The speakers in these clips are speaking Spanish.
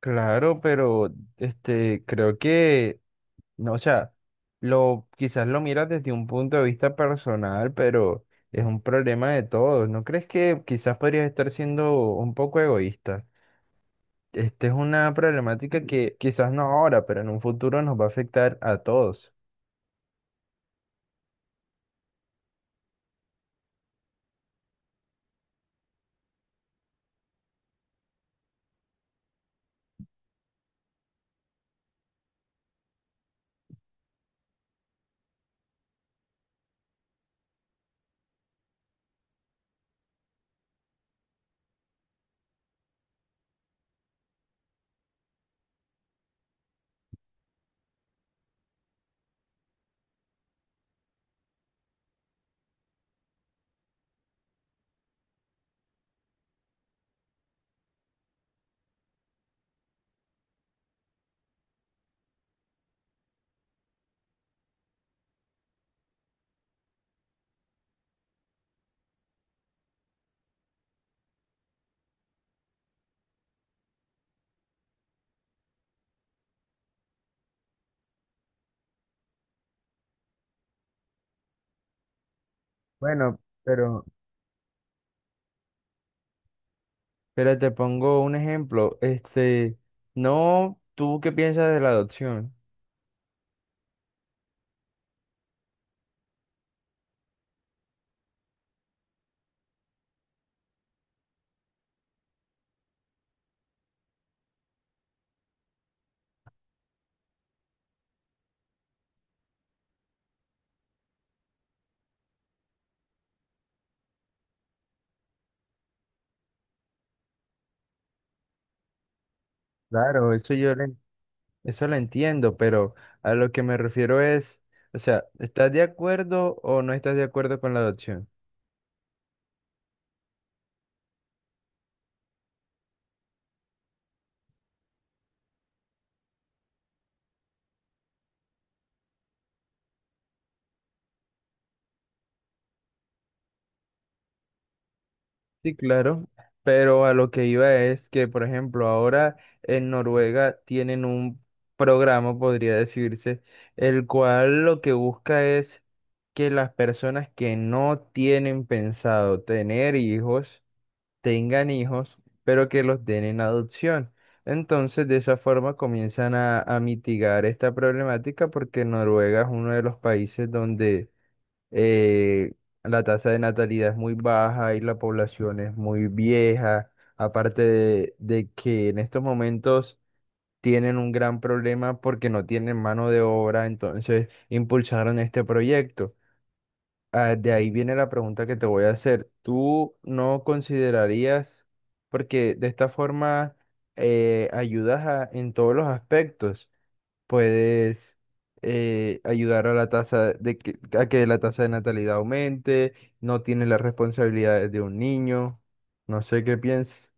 Claro, pero creo que, no, o sea, lo, quizás lo miras desde un punto de vista personal, pero es un problema de todos. ¿No crees que quizás podrías estar siendo un poco egoísta? Esta es una problemática que quizás no ahora, pero en un futuro nos va a afectar a todos. Bueno, pero te pongo un ejemplo. No, ¿tú qué piensas de la adopción? Claro, eso yo lo eso lo entiendo, pero a lo que me refiero es, o sea, ¿estás de acuerdo o no estás de acuerdo con la adopción? Sí, claro, pero a lo que iba es que, por ejemplo, ahora en Noruega tienen un programa, podría decirse, el cual lo que busca es que las personas que no tienen pensado tener hijos, tengan hijos, pero que los den en adopción. Entonces, de esa forma comienzan a mitigar esta problemática porque Noruega es uno de los países donde eh, la tasa de natalidad es muy baja y la población es muy vieja, aparte de que en estos momentos tienen un gran problema porque no tienen mano de obra, entonces impulsaron este proyecto. Ah, de ahí viene la pregunta que te voy a hacer. ¿Tú no considerarías, porque de esta forma ayudas a- en todos los aspectos, puedes ayudar a la tasa de que, a que la tasa de natalidad aumente, no tienes las responsabilidades de un niño, no sé qué piensas,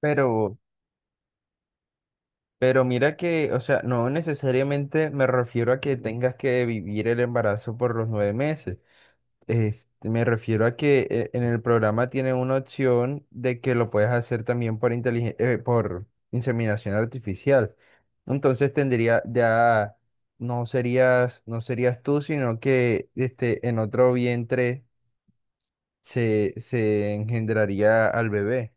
pero, pero mira que, o sea, no necesariamente me refiero a que tengas que vivir el embarazo por los 9 meses. Me refiero a que en el programa tiene una opción de que lo puedes hacer también por por inseminación artificial. Entonces tendría ya no serías no serías tú, sino que este en otro vientre se engendraría al bebé.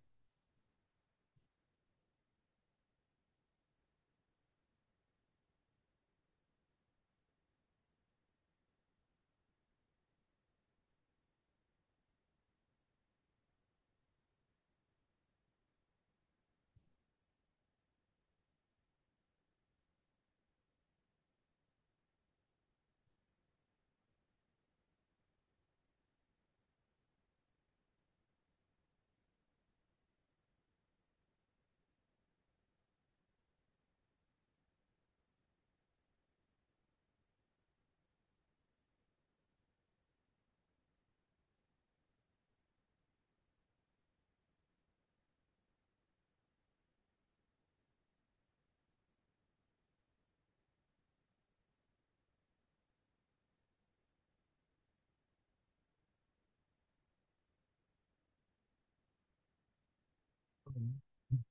Mm.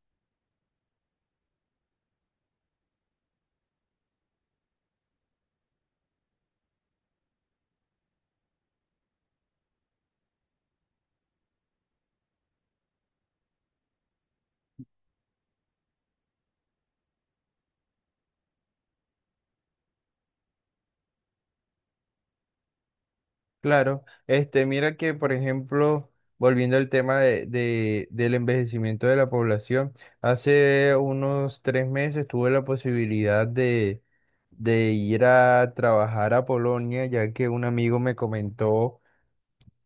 Claro, mira que, por ejemplo, volviendo al tema del envejecimiento de la población, hace unos 3 meses tuve la posibilidad de ir a trabajar a Polonia, ya que un amigo me comentó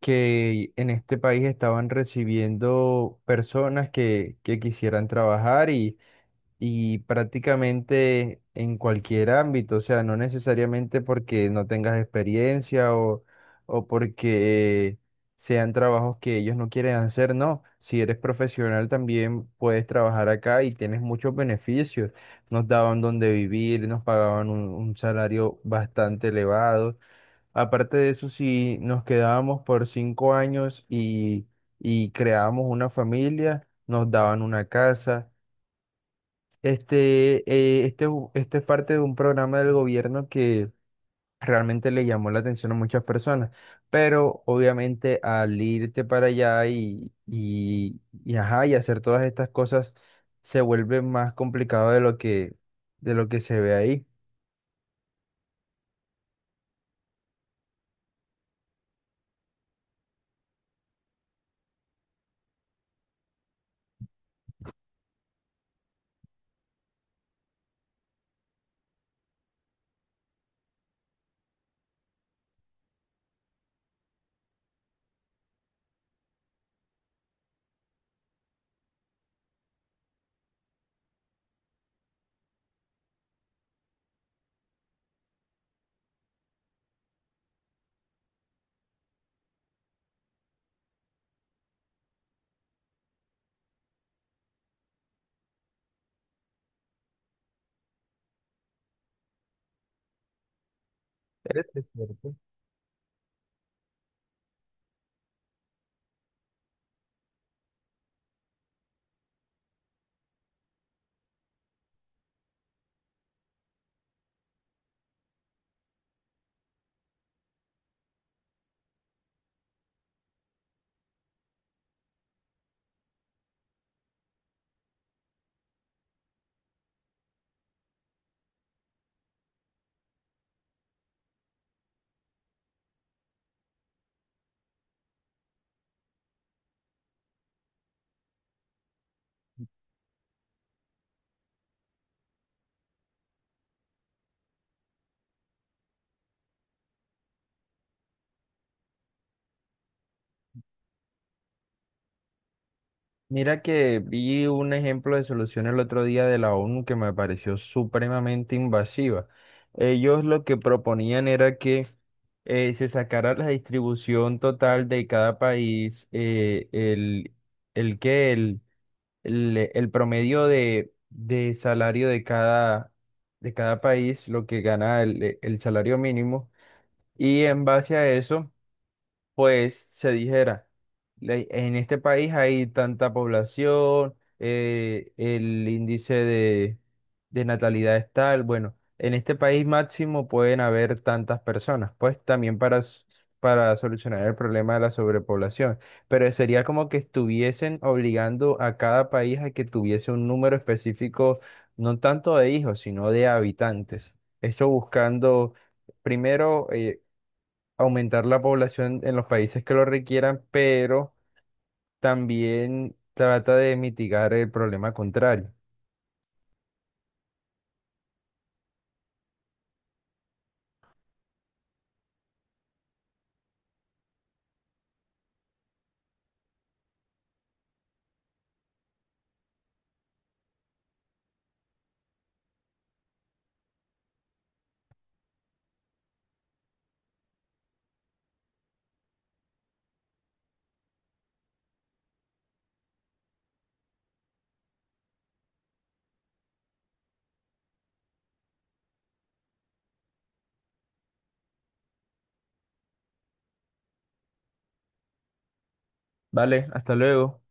que en este país estaban recibiendo personas que quisieran trabajar y prácticamente en cualquier ámbito, o sea, no necesariamente porque no tengas experiencia o porque sean trabajos que ellos no quieren hacer, no. Si eres profesional también puedes trabajar acá y tienes muchos beneficios. Nos daban donde vivir, nos pagaban un salario bastante elevado. Aparte de eso, si nos quedábamos por 5 años y creábamos una familia, nos daban una casa esto es parte de un programa del gobierno que realmente le llamó la atención a muchas personas, pero obviamente al irte para allá y, ajá, y hacer todas estas cosas se vuelve más complicado de lo que se ve ahí. ¿Cierto? Mira que vi un ejemplo de solución el otro día de la ONU que me pareció supremamente invasiva. Ellos lo que proponían era que se sacara la distribución total de cada país, el que el promedio de salario de cada país, lo que gana el salario mínimo, y en base a eso pues se dijera, le- en este país hay tanta población, el índice de natalidad es tal, bueno, en este país máximo pueden haber tantas personas, pues también para, s- para solucionar el problema de la sobrepoblación, pero sería como que estuviesen obligando a cada país a que tuviese un número específico, no tanto de hijos, sino de habitantes. Esto buscando... Primero, aumentar la población en los países que lo requieran, pero también trata de mitigar el problema contrario. Vale, hasta luego.